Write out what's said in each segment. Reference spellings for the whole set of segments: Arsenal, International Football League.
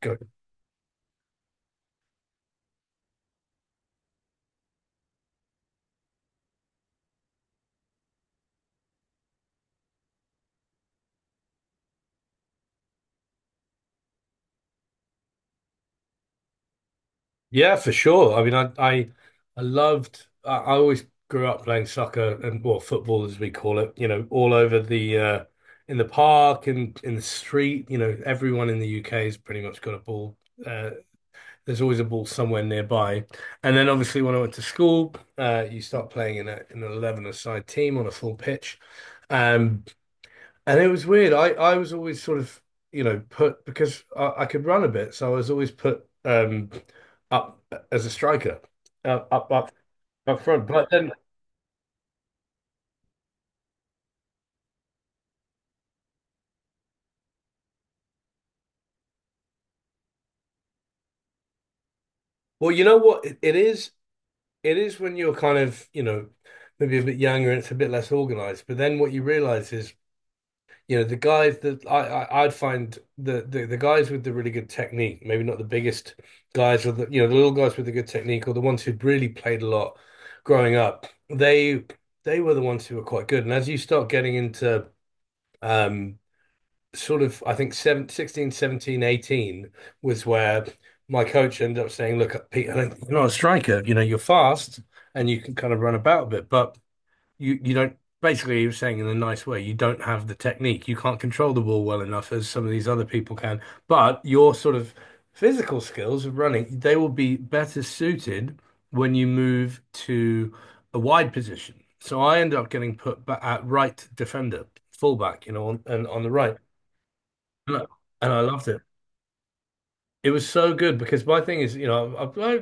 Good. Yeah, for sure. I mean, I loved. I always grew up playing soccer and, well, football as we call it. You know, all over the in the park and in the street. You know, everyone in the UK has pretty much got a ball. Uh, there's always a ball somewhere nearby. And then obviously when I went to school, you start playing in an 11-a-side team on a full pitch. Um, And it was weird. I was always sort of, you know, put because I could run a bit, so I was always put up as a striker, uh, up up up front. But then, well, you know what? It is when you're kind of, you know, maybe a bit younger and it's a bit less organized. But then what you realize is, you know, the guys that I'd find, the the guys with the really good technique, maybe not the biggest guys, or, the you know, the little guys with the good technique, or the ones who'd really played a lot growing up. They were the ones who were quite good. And as you start getting into, um sort of I think seven 16 17 18 was where my coach ended up saying, "Look, Pete, I think you're not a striker. You know, you're fast and you can kind of run about a bit, but." You don't, basically he was saying in a nice way, you don't have the technique, you can't control the ball well enough as some of these other people can, but your sort of physical skills of running, they will be better suited when you move to a wide position. So I end up getting put back at right defender, fullback, you know, and on the right. And I loved it. It was so good because my thing is, you know, I,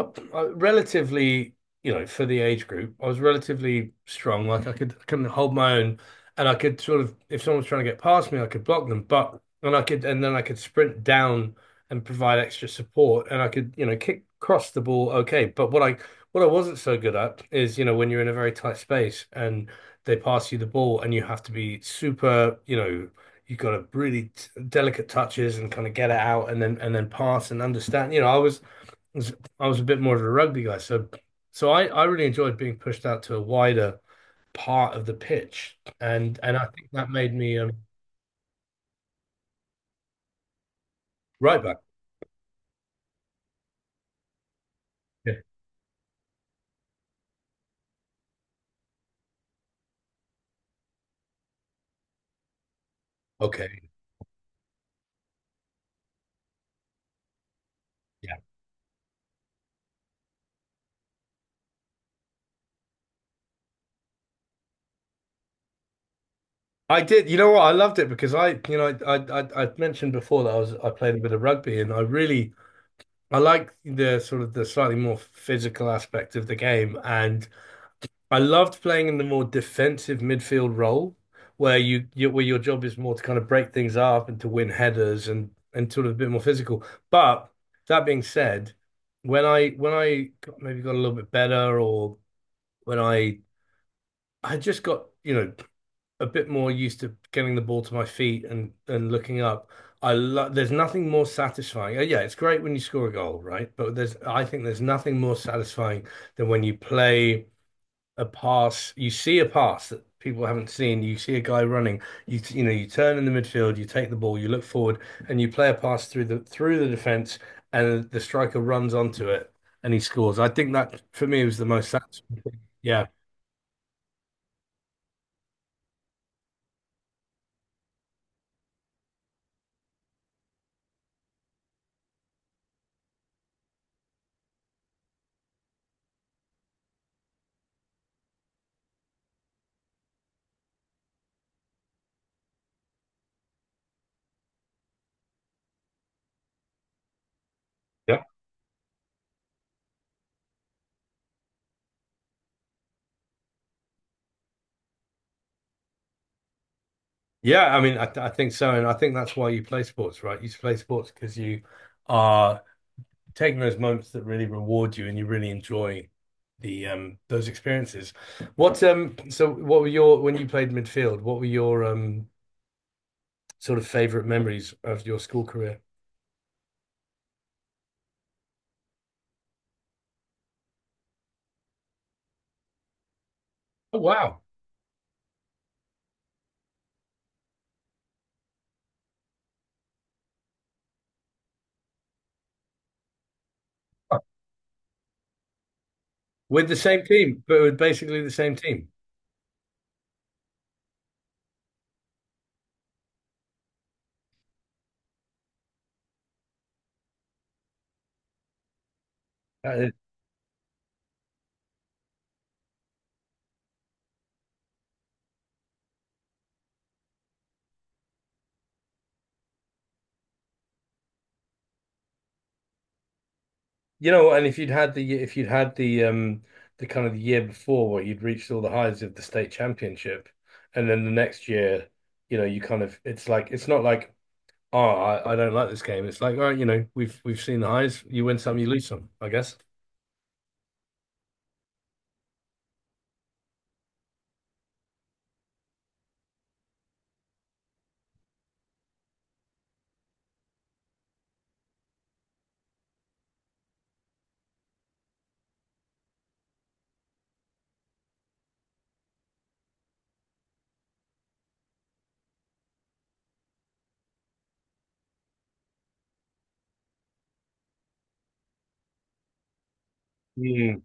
I, I, I relatively, you know, for the age group, I was relatively strong. Like I can hold my own, and I could sort of, if someone was trying to get past me, I could block them. But And I could, and then I could sprint down and provide extra support, and I could, you know, kick, cross the ball okay. But what I wasn't so good at is, you know, when you're in a very tight space and they pass you the ball, and you have to be super, you know, you've got to really delicate touches and kind of get it out, and then pass and understand. I was I was a bit more of a rugby guy, so I really enjoyed being pushed out to a wider part of the pitch, and I think that made me, right back. Yeah. Okay. Yeah. I did. You know what? I loved it because, I, you know, I mentioned before that I played a bit of rugby, and I really, I like the sort of the slightly more physical aspect of the game. And I loved playing in the more defensive midfield role, where your job is more to kind of break things up and to win headers and sort of a bit more physical. But that being said, when I got, maybe got a little bit better, or when I just got, you know, a bit more used to getting the ball to my feet and looking up. I love. There's nothing more satisfying. Yeah, it's great when you score a goal, right? But there's, I think there's nothing more satisfying than when you play a pass. You see a pass that people haven't seen. You see a guy running. You you know, you turn in the midfield. You take the ball. You look forward, and you play a pass through the defense, and the striker runs onto it and he scores. I think that for me was the most Yeah, yeah, yeah. I mean, I think so, and I think that's why you play sports, right? You play sports because you are taking those moments that really reward you, and you really enjoy the, those experiences. What so what were your, when you played midfield, what were your sort of favorite memories of your school career? Oh, wow. With the same team, but with basically the same team. Uh, you know, and if you'd had the, if you'd had the, the kind of the year before where you'd reached all the highs of the state championship, and then the next year, you know, you kind of, it's like, it's not like, oh, I don't like this game. It's like, all right, you know, we've seen the highs. You win some, you lose some, I guess. Mm.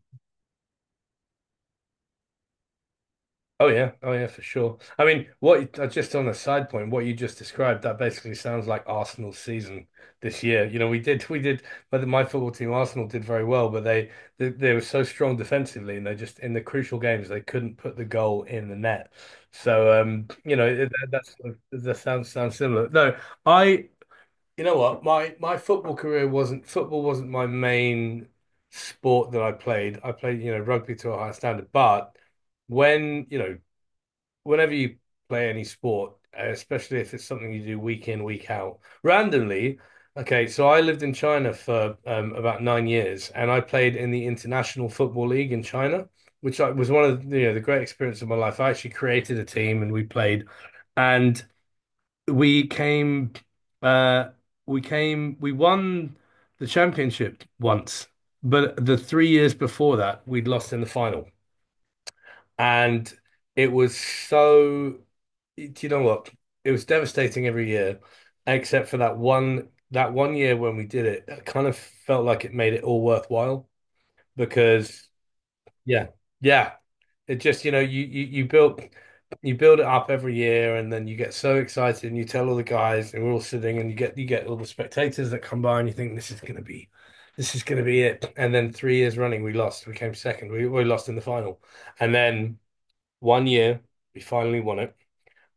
Oh yeah, oh yeah, for sure. I mean, what, just on a side point, what you just described, that basically sounds like Arsenal's season this year. You know, we did, but my football team, Arsenal, did very well, but they were so strong defensively, and they just, in the crucial games they couldn't put the goal in the net. So, you know, that, that's that sounds sounds similar. No, I, you know what, my football career wasn't, football wasn't my main sport that I played. I played, you know, rugby to a high standard, but, when you know, whenever you play any sport, especially if it's something you do week in, week out, randomly. Okay, so I lived in China for, about 9 years, and I played in the International Football League in China, which was one of the, you know, the great experience of my life. I actually created a team, and we played, and we came, uh, we came, we won the championship once, but the 3 years before that, we'd lost in the final. And it was so, do you know what? It was devastating every year, except for that one year when we did it. I kind of felt like it made it all worthwhile because, yeah, yeah. It just, you know, you build, you build it up every year, and then you get so excited, and you tell all the guys, and we're all sitting, and you get all the spectators that come by, and you think this is gonna be, this is gonna be it. And then 3 years running we lost. We came second. We lost in the final. And then one year, we finally won it,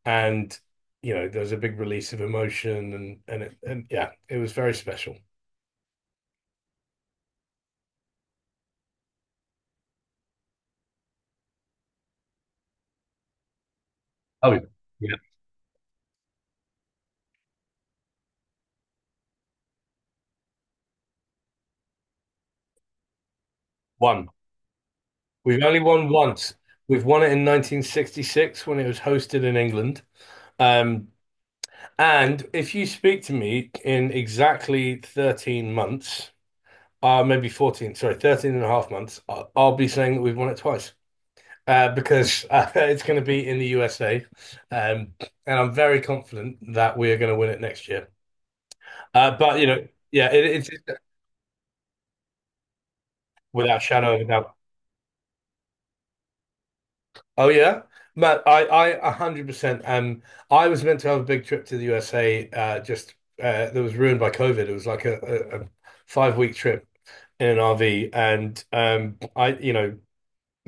and you know, there was a big release of emotion, and yeah, it was very special. Oh, yeah. One. We've only won once. We've won it in 1966 when it was hosted in England. Um, and if you speak to me in exactly 13 months, maybe 14, sorry, 13 and a half months, I'll be saying that we've won it twice. Because it's going to be in the USA, um, and I'm very confident that we are going to win it next year. But you know, yeah, without a shadow of a doubt. Oh yeah, Matt, I 100%. I was meant to have a big trip to the USA. Just that was ruined by COVID. It was like a 5 week trip in an RV, and I, you know,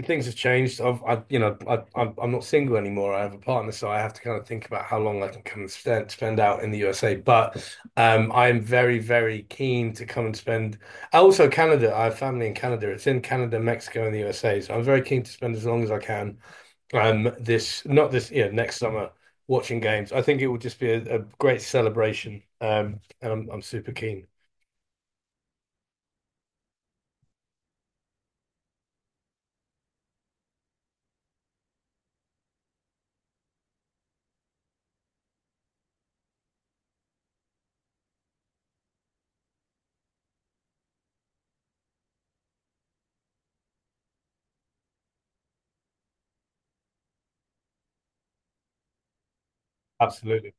things have changed. I've, you know, I'm not single anymore. I have a partner, so I have to kind of think about how long I can come and spend, spend out in the USA. But I am very, very keen to come and spend. Also, Canada. I have family in Canada. It's in Canada, Mexico, and the USA. So I'm very keen to spend as long as I can. This not this, yeah, next summer watching games. I think it will just be a great celebration. And I'm super keen. Absolutely.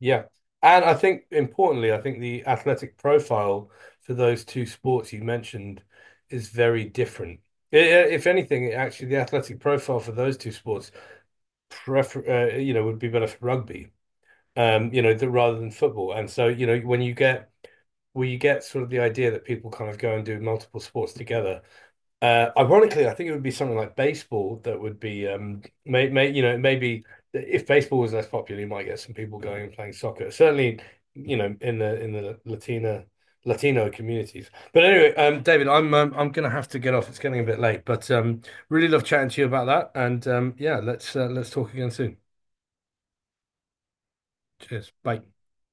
Yeah. And I think importantly, I think the athletic profile for those two sports you mentioned is very different. I- i- If anything, actually, the athletic profile for those two sports prefer, you know, would be better for rugby, you know, th rather than football. And so, you know, when you get, where you get sort of the idea that people kind of go and do multiple sports together, ironically, I think it would be something like baseball that would be, you know, maybe if baseball was less popular, you might get some people going and playing soccer. Certainly, you know, in the Latina, Latino communities. But anyway, David, I'm gonna have to get off. It's getting a bit late, but really love chatting to you about that. And yeah, let's, let's talk again soon. Cheers. Bye.